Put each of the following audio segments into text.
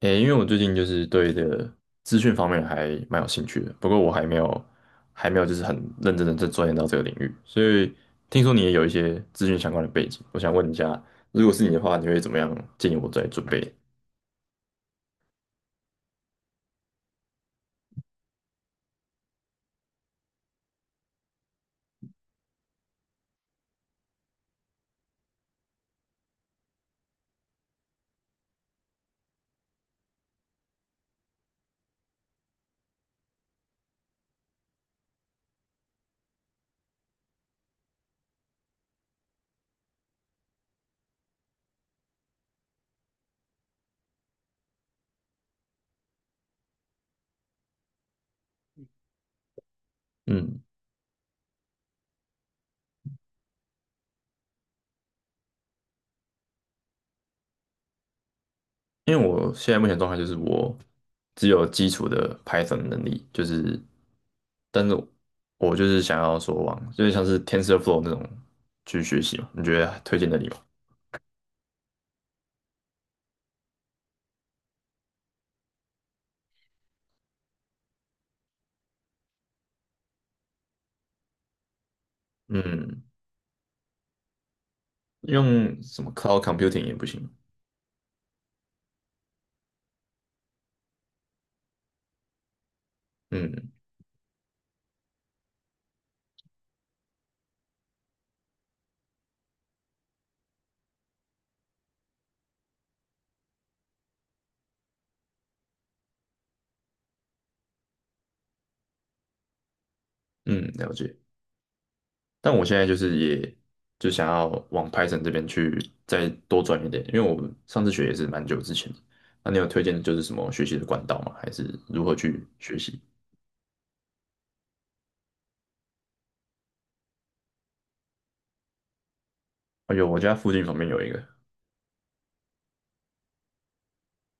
诶，因为我最近就是对这个资讯方面还蛮有兴趣的，不过我还没有就是很认真的在钻研到这个领域，所以听说你也有一些资讯相关的背景，我想问一下，如果是你的话，你会怎么样建议我在准备？嗯，因为我现在目前状态就是我只有基础的 Python 能力，就是但是我就是想要说往就是像是 TensorFlow 那种去学习嘛，你觉得推荐的你吗？嗯，用什么 Cloud Computing 也不行。嗯，嗯，了解。但我现在就是也就想要往 Python 这边去再多转一点，因为我上次学也是蛮久之前的。那你有推荐就是什么学习的管道吗？还是如何去学习？哎呦，我家附近旁边有一个。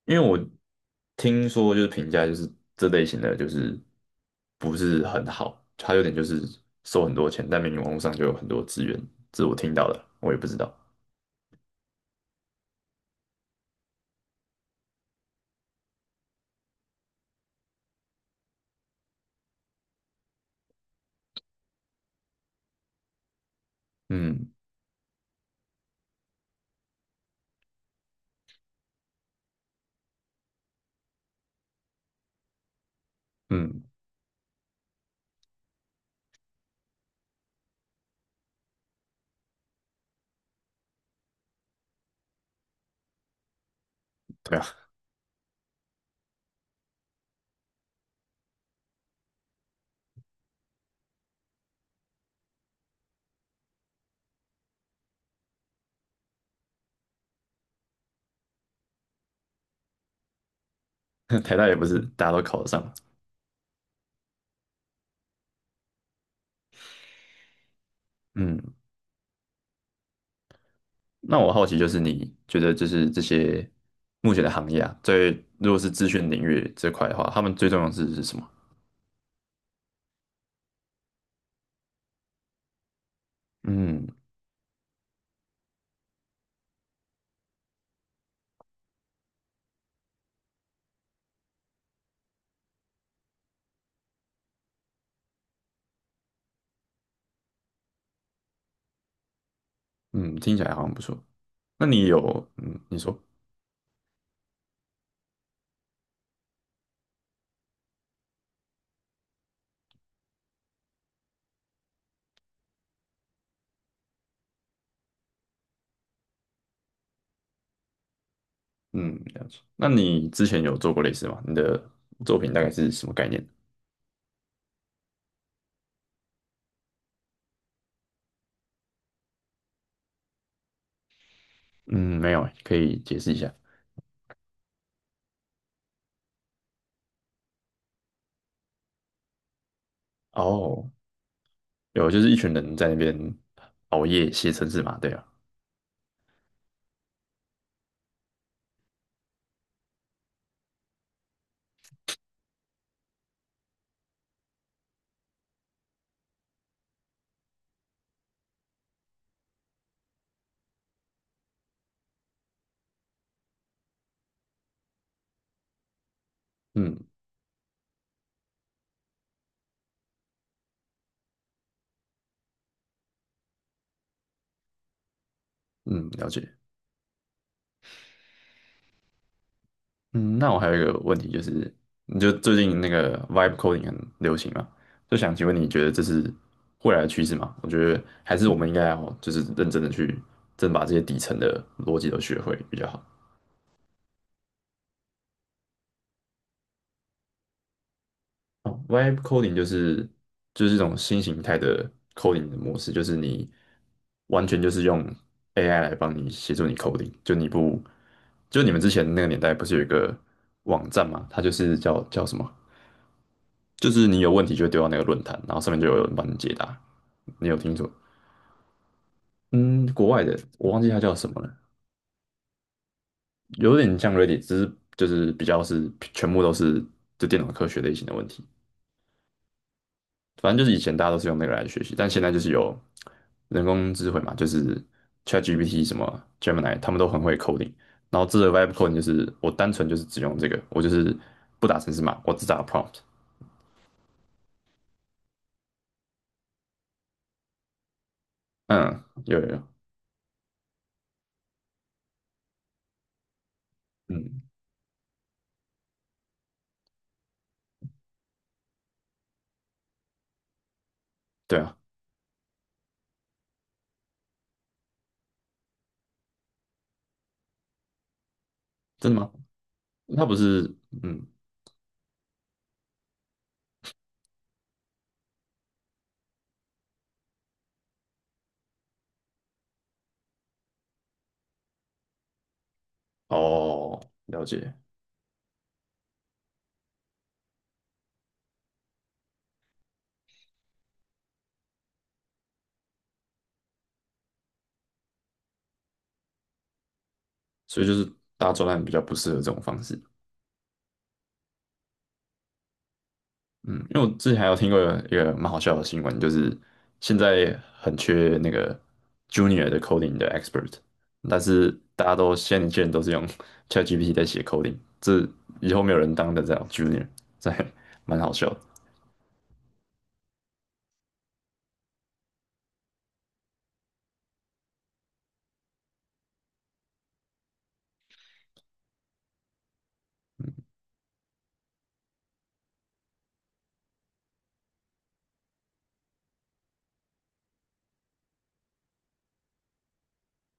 因为我听说就是评价就是这类型的就是不是很好，它有点就是收很多钱，但明明网络上就有很多资源，这是我听到的，我也不知道。嗯嗯，对啊，台大也不是大家都考得上。嗯。那我好奇就是你觉得就是这些目前的行业啊，在如果是资讯领域这块的话，他们最重要的是什么？嗯嗯，听起来好像不错。那你有嗯，你说嗯，了解。那你之前有做过类似吗？你的作品大概是什么概念？嗯，没有欸可以解释一下。哦，有，就是一群人在那边熬夜写程式嘛，对啊。嗯嗯，了解。嗯，那我还有一个问题就是，你就最近那个 vibe coding 很流行嘛，就想请问你觉得这是未来的趋势吗？我觉得还是我们应该要就是认真的去，真的把这些底层的逻辑都学会比较好。哦，vibe coding 就是就是一种新形态的 coding 的模式，就是你完全就是用 AI 来帮你协助你 coding，就你不就你们之前那个年代不是有一个网站嘛，它就是叫什么？就是你有问题就会丢到那个论坛，然后上面就有人帮你解答。你有听说？嗯，国外的我忘记它叫什么了。有点像 Reddit，只是就是比较是全部都是就电脑科学类型的问题。反正就是以前大家都是用那个来学习，但现在就是有人工智慧嘛，就是 ChatGPT 什么 Gemini，他们都很会 coding。然后这个 Vibe coding 就是我单纯就是只用这个，我就是不打程式码，我只打 prompt。嗯，有有有，嗯，对啊。真的吗？它不是，嗯，哦，了解，所以就是大专案比较不适合这种方式。嗯，因为我之前还有听过一个蛮好笑的新闻，就是现在很缺那个 junior 的 coding 的 expert，但是大家都现在年轻人都是用 ChatGPT 在写 coding，这以后没有人当得了 junior，这还蛮好笑的。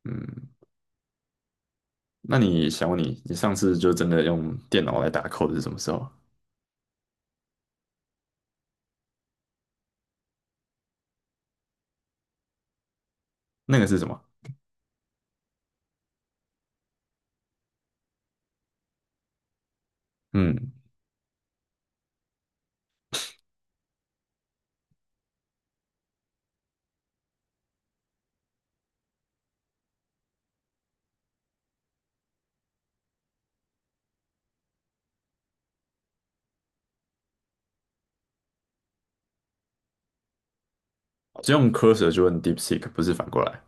嗯，那你想问你，你上次就真的用电脑来打 code 是什么时候？那个是什么？嗯，只用 cursor 就用 DeepSeek，不是反过来。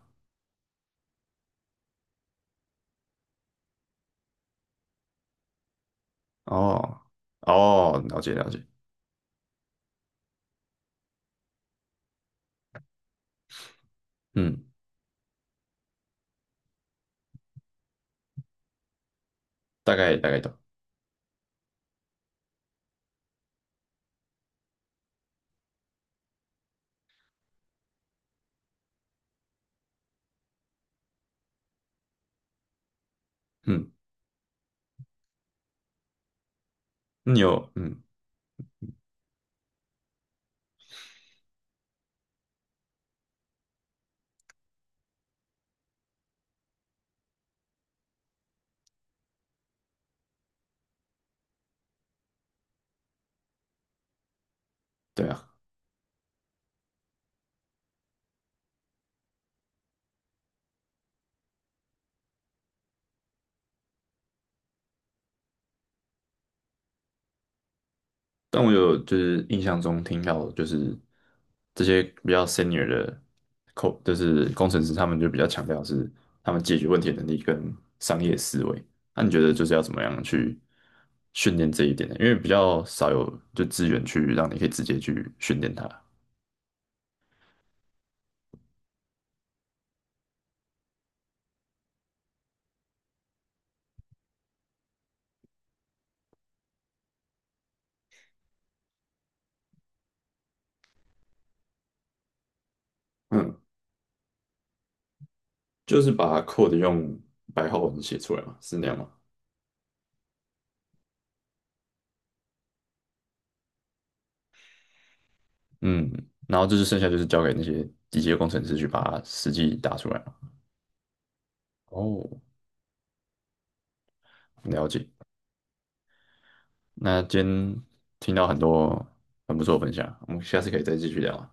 哦哦，了解了解，嗯，大概大概懂。嗯，那你有嗯，对啊。但我有就是印象中听到，就是这些比较 senior 的 code，就是工程师，他们就比较强调是他们解决问题的能力跟商业思维。那你觉得就是要怎么样去训练这一点呢？因为比较少有就资源去让你可以直接去训练它。嗯，就是把 code 用白话文写出来嘛，是那样吗？嗯，然后就是剩下就是交给那些机械工程师去把它实际打出来嘛。哦，了解。那今天听到很多很不错的分享，我们下次可以再继续聊。